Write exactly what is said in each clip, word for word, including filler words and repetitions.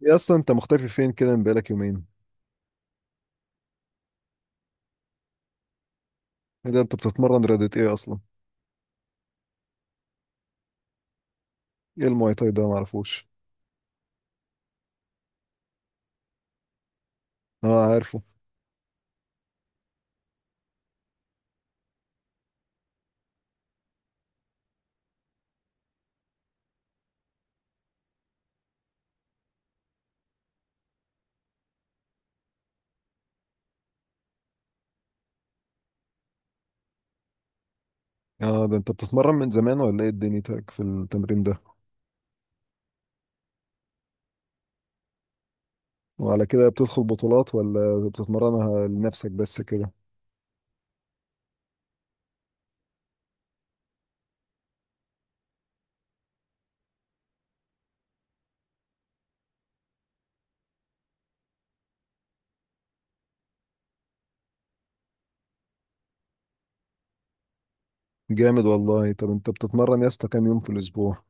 يا، اصلا انت مختفي فين كده من بقالك يومين؟ ايه ده، انت بتتمرن رياضة ايه اصلا؟ ايه المواي تاي ده؟ معرفوش. اه عارفه. اه ده انت بتتمرن من زمان ولا ايه دنيتك في التمرين ده؟ وعلى كده بتدخل بطولات ولا بتتمرنها لنفسك بس كده؟ جامد والله. طب انت بتتمرن يا اسطى كام يوم في الاسبوع؟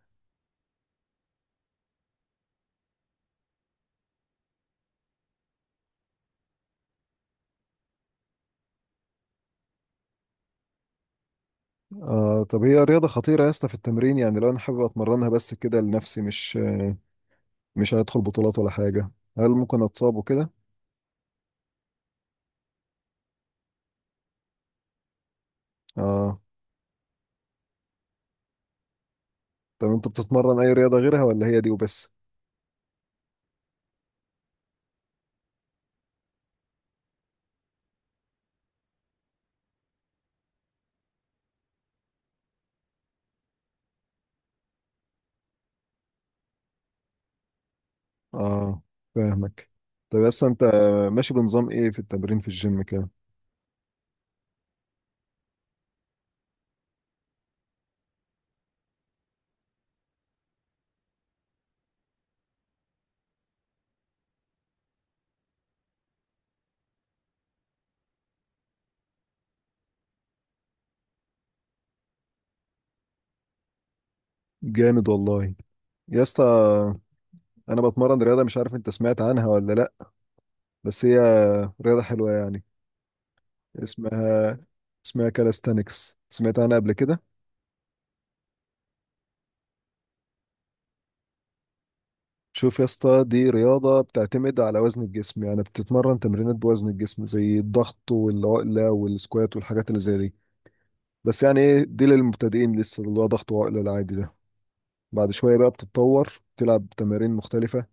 آه طب هي رياضة خطيرة يا اسطى في التمرين؟ يعني لو انا حابب اتمرنها بس كده لنفسي، مش آه، مش هدخل بطولات ولا حاجة، هل ممكن اتصاب وكده؟ اه. طب انت بتتمرن اي رياضة غيرها ولا هي دي وبس؟ اه فاهمك. طب يا اسطى انت، ماشي بنظام ايه في التمرين في الجيم كده؟ جامد والله. يا اسطى، انا بتمرن رياضه مش عارف انت سمعت عنها ولا لا، بس هي رياضه حلوه يعني، اسمها، اسمها كالستانكس، سمعت عنها قبل كده؟ شوف يا اسطى، دي رياضه بتعتمد على وزن الجسم، يعني بتتمرن تمرينات بوزن الجسم زي الضغط والعقله والسكوات والحاجات اللي زي دي. بس يعني ايه، دي للمبتدئين لسه، اللي هو ضغط وعقله العادي ده. بعد شويه بقى بتتطور، تلعب تمارين مختلفه.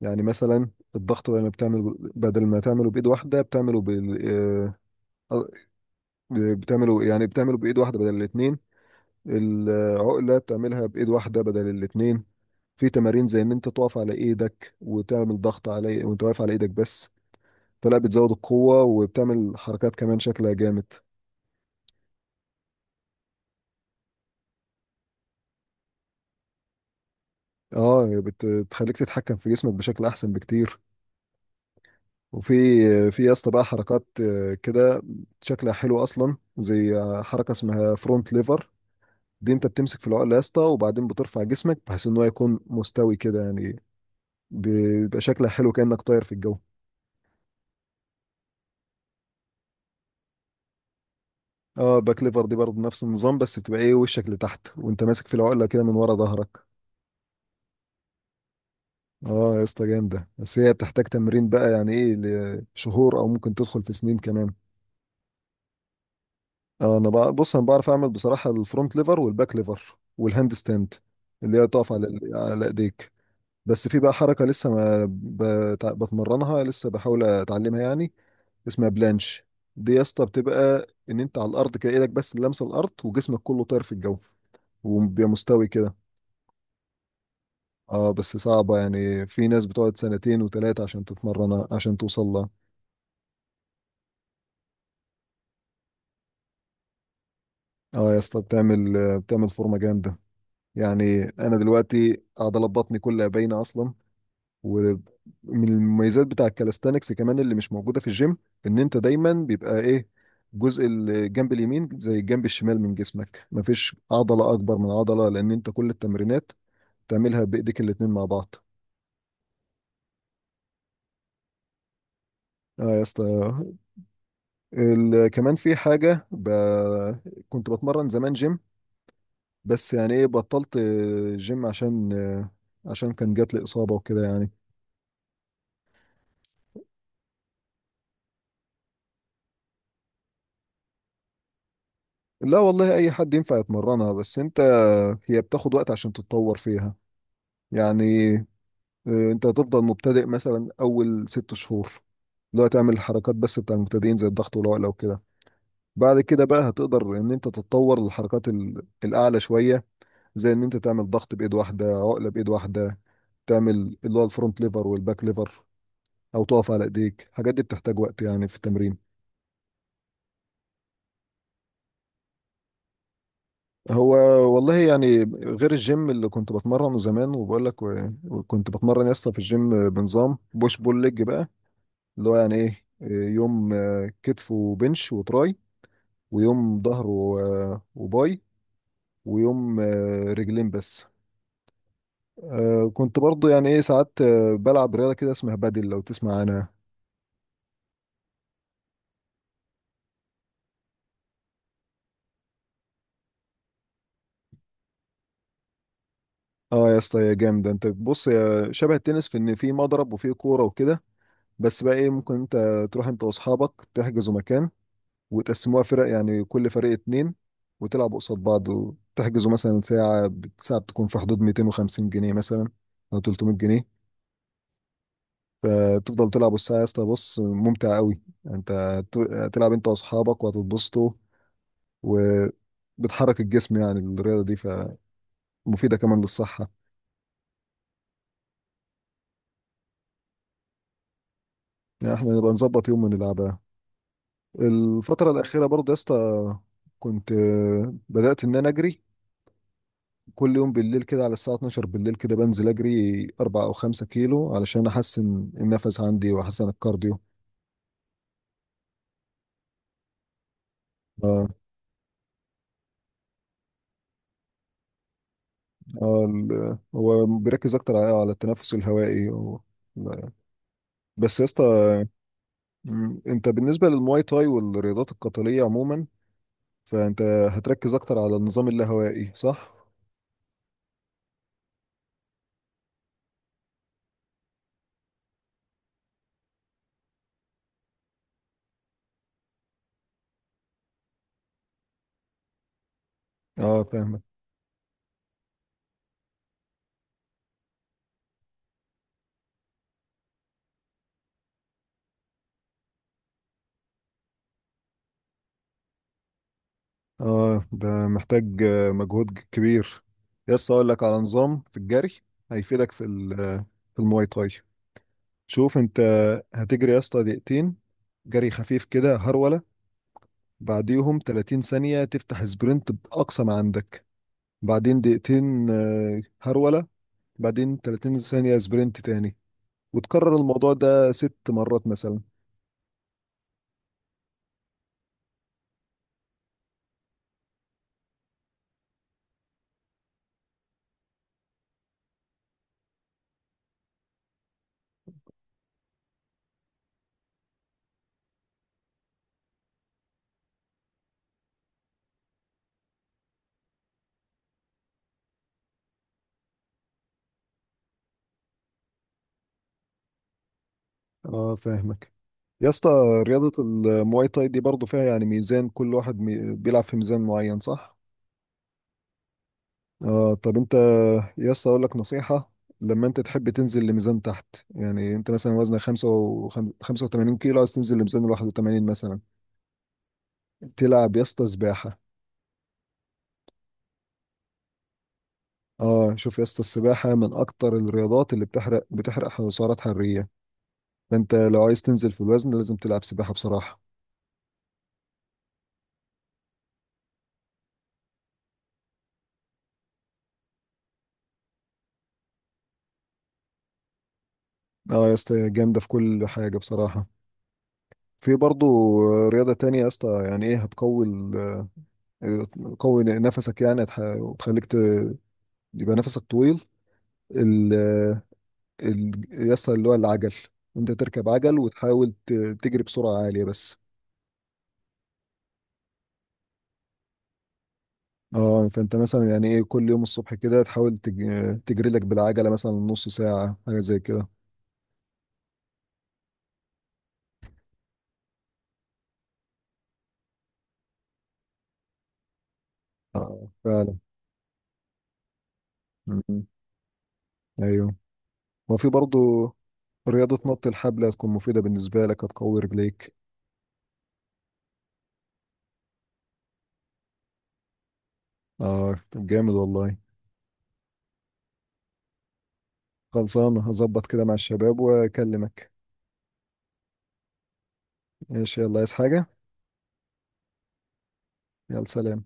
يعني مثلا، الضغط بدل ما بتعمل بدل ما تعمله بايد واحده، بتعمله بال آه، بتعمله، يعني بتعمله بايد واحده بدل الاتنين. العقله بتعملها بايد واحده بدل الاتنين. في تمارين زي ان انت تقف على ايدك وتعمل ضغط، على وانت واقف على ايدك بس، فلا بتزود القوه وبتعمل حركات كمان شكلها جامد. اه بت- بتخليك تتحكم في جسمك بشكل احسن بكتير. وفي في يا اسطى بقى حركات آه، كده شكلها حلو اصلا، زي حركه اسمها فرونت ليفر. دي انت بتمسك في العقله يا اسطى وبعدين بترفع جسمك بحيث ان هو يكون مستوي كده، يعني بيبقى شكلها حلو كانك طاير في الجو. اه، باك ليفر دي برضه نفس النظام، بس بتبقى ايه، وشك لتحت وانت ماسك في العقله كده من ورا ظهرك. اه يا اسطى جامده، بس هي بتحتاج تمرين بقى يعني ايه، لشهور او ممكن تدخل في سنين كمان. اه انا بقى، بص انا بعرف اعمل بصراحه الفرونت ليفر والباك ليفر والهاند ستاند، اللي هي تقف على على ايديك. بس في بقى حركه لسه ما بت- بتمرنها، لسه بحاول اتعلمها يعني، اسمها بلانش. دي يا اسطى بتبقى ان انت على الارض كده، ايدك بس اللي لامسه الارض وجسمك كله طاير في الجو، وبيبقى مستوي كده. اه بس صعبة، يعني في ناس بتقعد سنتين وتلاتة عشان تتمرن عشان توصل لها. اه يا اسطى، بتعمل بتعمل فورمة جامدة، يعني انا دلوقتي عضلات بطني كلها باينة اصلا. ومن المميزات بتاع الكالستانكس كمان اللي مش موجودة في الجيم، ان انت دايما بيبقى ايه، جزء الجنب اليمين زي الجنب الشمال من جسمك، مفيش عضلة اكبر من عضلة، لان انت كل التمرينات تعملها بايديك الاتنين مع بعض. اه يا اسطى، ال- كمان في حاجة ب... كنت بتمرن زمان جيم، بس يعني ايه بطلت جيم، عشان عشان كان جات لي إصابة وكده يعني. لا والله، أي حد ينفع يتمرنها، بس أنت هي بتاخد وقت عشان تتطور فيها. يعني آه، انت هتفضل مبتدئ مثلا اول ست شهور، اللي هو تعمل الحركات بس بتاع المبتدئين زي الضغط والعقله وكده. بعد كده بقى هتقدر ان انت تتطور للحركات ال- الاعلى شويه، زي ان انت تعمل ضغط بايد واحده، عقله بايد واحده، تعمل اللي هو الفرونت ليفر والباك ليفر، او تقف على ايديك. الحاجات دي بتحتاج وقت يعني في التمرين. هو والله يعني، غير الجيم اللي كنت بتمرنه زمان وبقول لك، و- وكنت بتمرن يا اسطى في الجيم بنظام بوش بول ليج بقى، اللي هو يعني ايه، آه، يوم آه، كتف وبنش وتراي، ويوم ظهر و- وباي، ويوم آه، رجلين بس. آه، كنت برضو يعني ايه ساعات آه، بلعب رياضة كده اسمها بادل، لو تسمع عنها. اه يا اسطى يا جامدة، انت بص يا، شبه التنس، في ان في مضرب وفي كورة وكده. بس بقى ايه، ممكن انت تروح انت واصحابك تحجزوا مكان، وتقسموها فرق يعني كل فريق اتنين، وتلعبوا قصاد بعض، وتحجزوا مثلا ساعة. ساعة بتكون في حدود مائتين وخمسين جنيه مثلا او تلتمية جنيه. فتفضل تلعب الساعة يا اسطى، بص ممتع قوي، انت ت- تلعب انت واصحابك وهتتبسطوا، وبتحرك الجسم يعني الرياضة دي، فمفيدة كمان للصحة. يعني احنا نبقى نظبط يوم ونلعبها. الفترة الأخيرة برضه يا اسطى كنت آه، بدأت إن أنا أجري كل يوم بالليل كده، على الساعة اتناشر بالليل كده بنزل أجري أربعة أو خمسة كيلو، علشان أحسن النفس عندي وأحسن الكارديو. آه. آه، ال- هو بيركز أكتر على على التنفس الهوائي و- بس يا اسطى مم. انت بالنسبة للمواي تاي والرياضات القتالية عموما، فانت هتركز اكتر على النظام اللاهوائي صح؟ اه فاهمك. اه ده محتاج آه، مجهود ج- كبير. يس، اقول لك على نظام في الجري هيفيدك في ال- آه، في المواي تاي. شوف انت هتجري يا اسطى دقيقتين جري خفيف كده، هرولة، بعديهم 30 ثانية تفتح سبرنت بأقصى ما عندك. بعدين دقيقتين آه، هرولة، بعدين 30 ثانية سبرنت تاني، وتكرر الموضوع ده ست مرات مثلا. اه فاهمك. يا اسطى، رياضة المواي تاي دي برضه فيها يعني ميزان، كل واحد مي... بيلعب في ميزان معين صح؟ اه. طب انت يا اسطى اقول لك نصيحة، لما انت تحب تنزل لميزان تحت، يعني انت مثلا وزنك 85 كيلو، عايز تنزل لميزان واحد وثمانين مثلا، تلعب يا اسطى سباحة. اه شوف يا اسطى، السباحة من اكتر الرياضات اللي بتحرق بتحرق سعرات حرارية، فانت لو عايز تنزل في الوزن لازم تلعب سباحة بصراحة. اه يا اسطى جامدة في كل حاجة بصراحة. في برضو رياضة تانية يا اسطى، يعني ايه هتقوي ال- آه، تقوي نفسك، يعني هتح- وتخليك ت... يبقى نفسك طويل، ال... ال... يا اسطى اللي هو العجل، انت تركب عجل وتحاول ت... تجري بسرعة عالية بس. اه. فانت مثلا يعني ايه كل يوم الصبح كده تحاول تج... تجري لك بالعجلة مثلا نص ساعة حاجة زي كده. اه فعلا. م- ايوه. وفي برضو رياضة نط الحبل، هتكون مفيدة بالنسبة لك، هتقوي رجليك. اه طب جامد والله. خلصانه، هظبط كده مع الشباب واكلمك. ماشي، يلا. عايز حاجه؟ يلا سلام.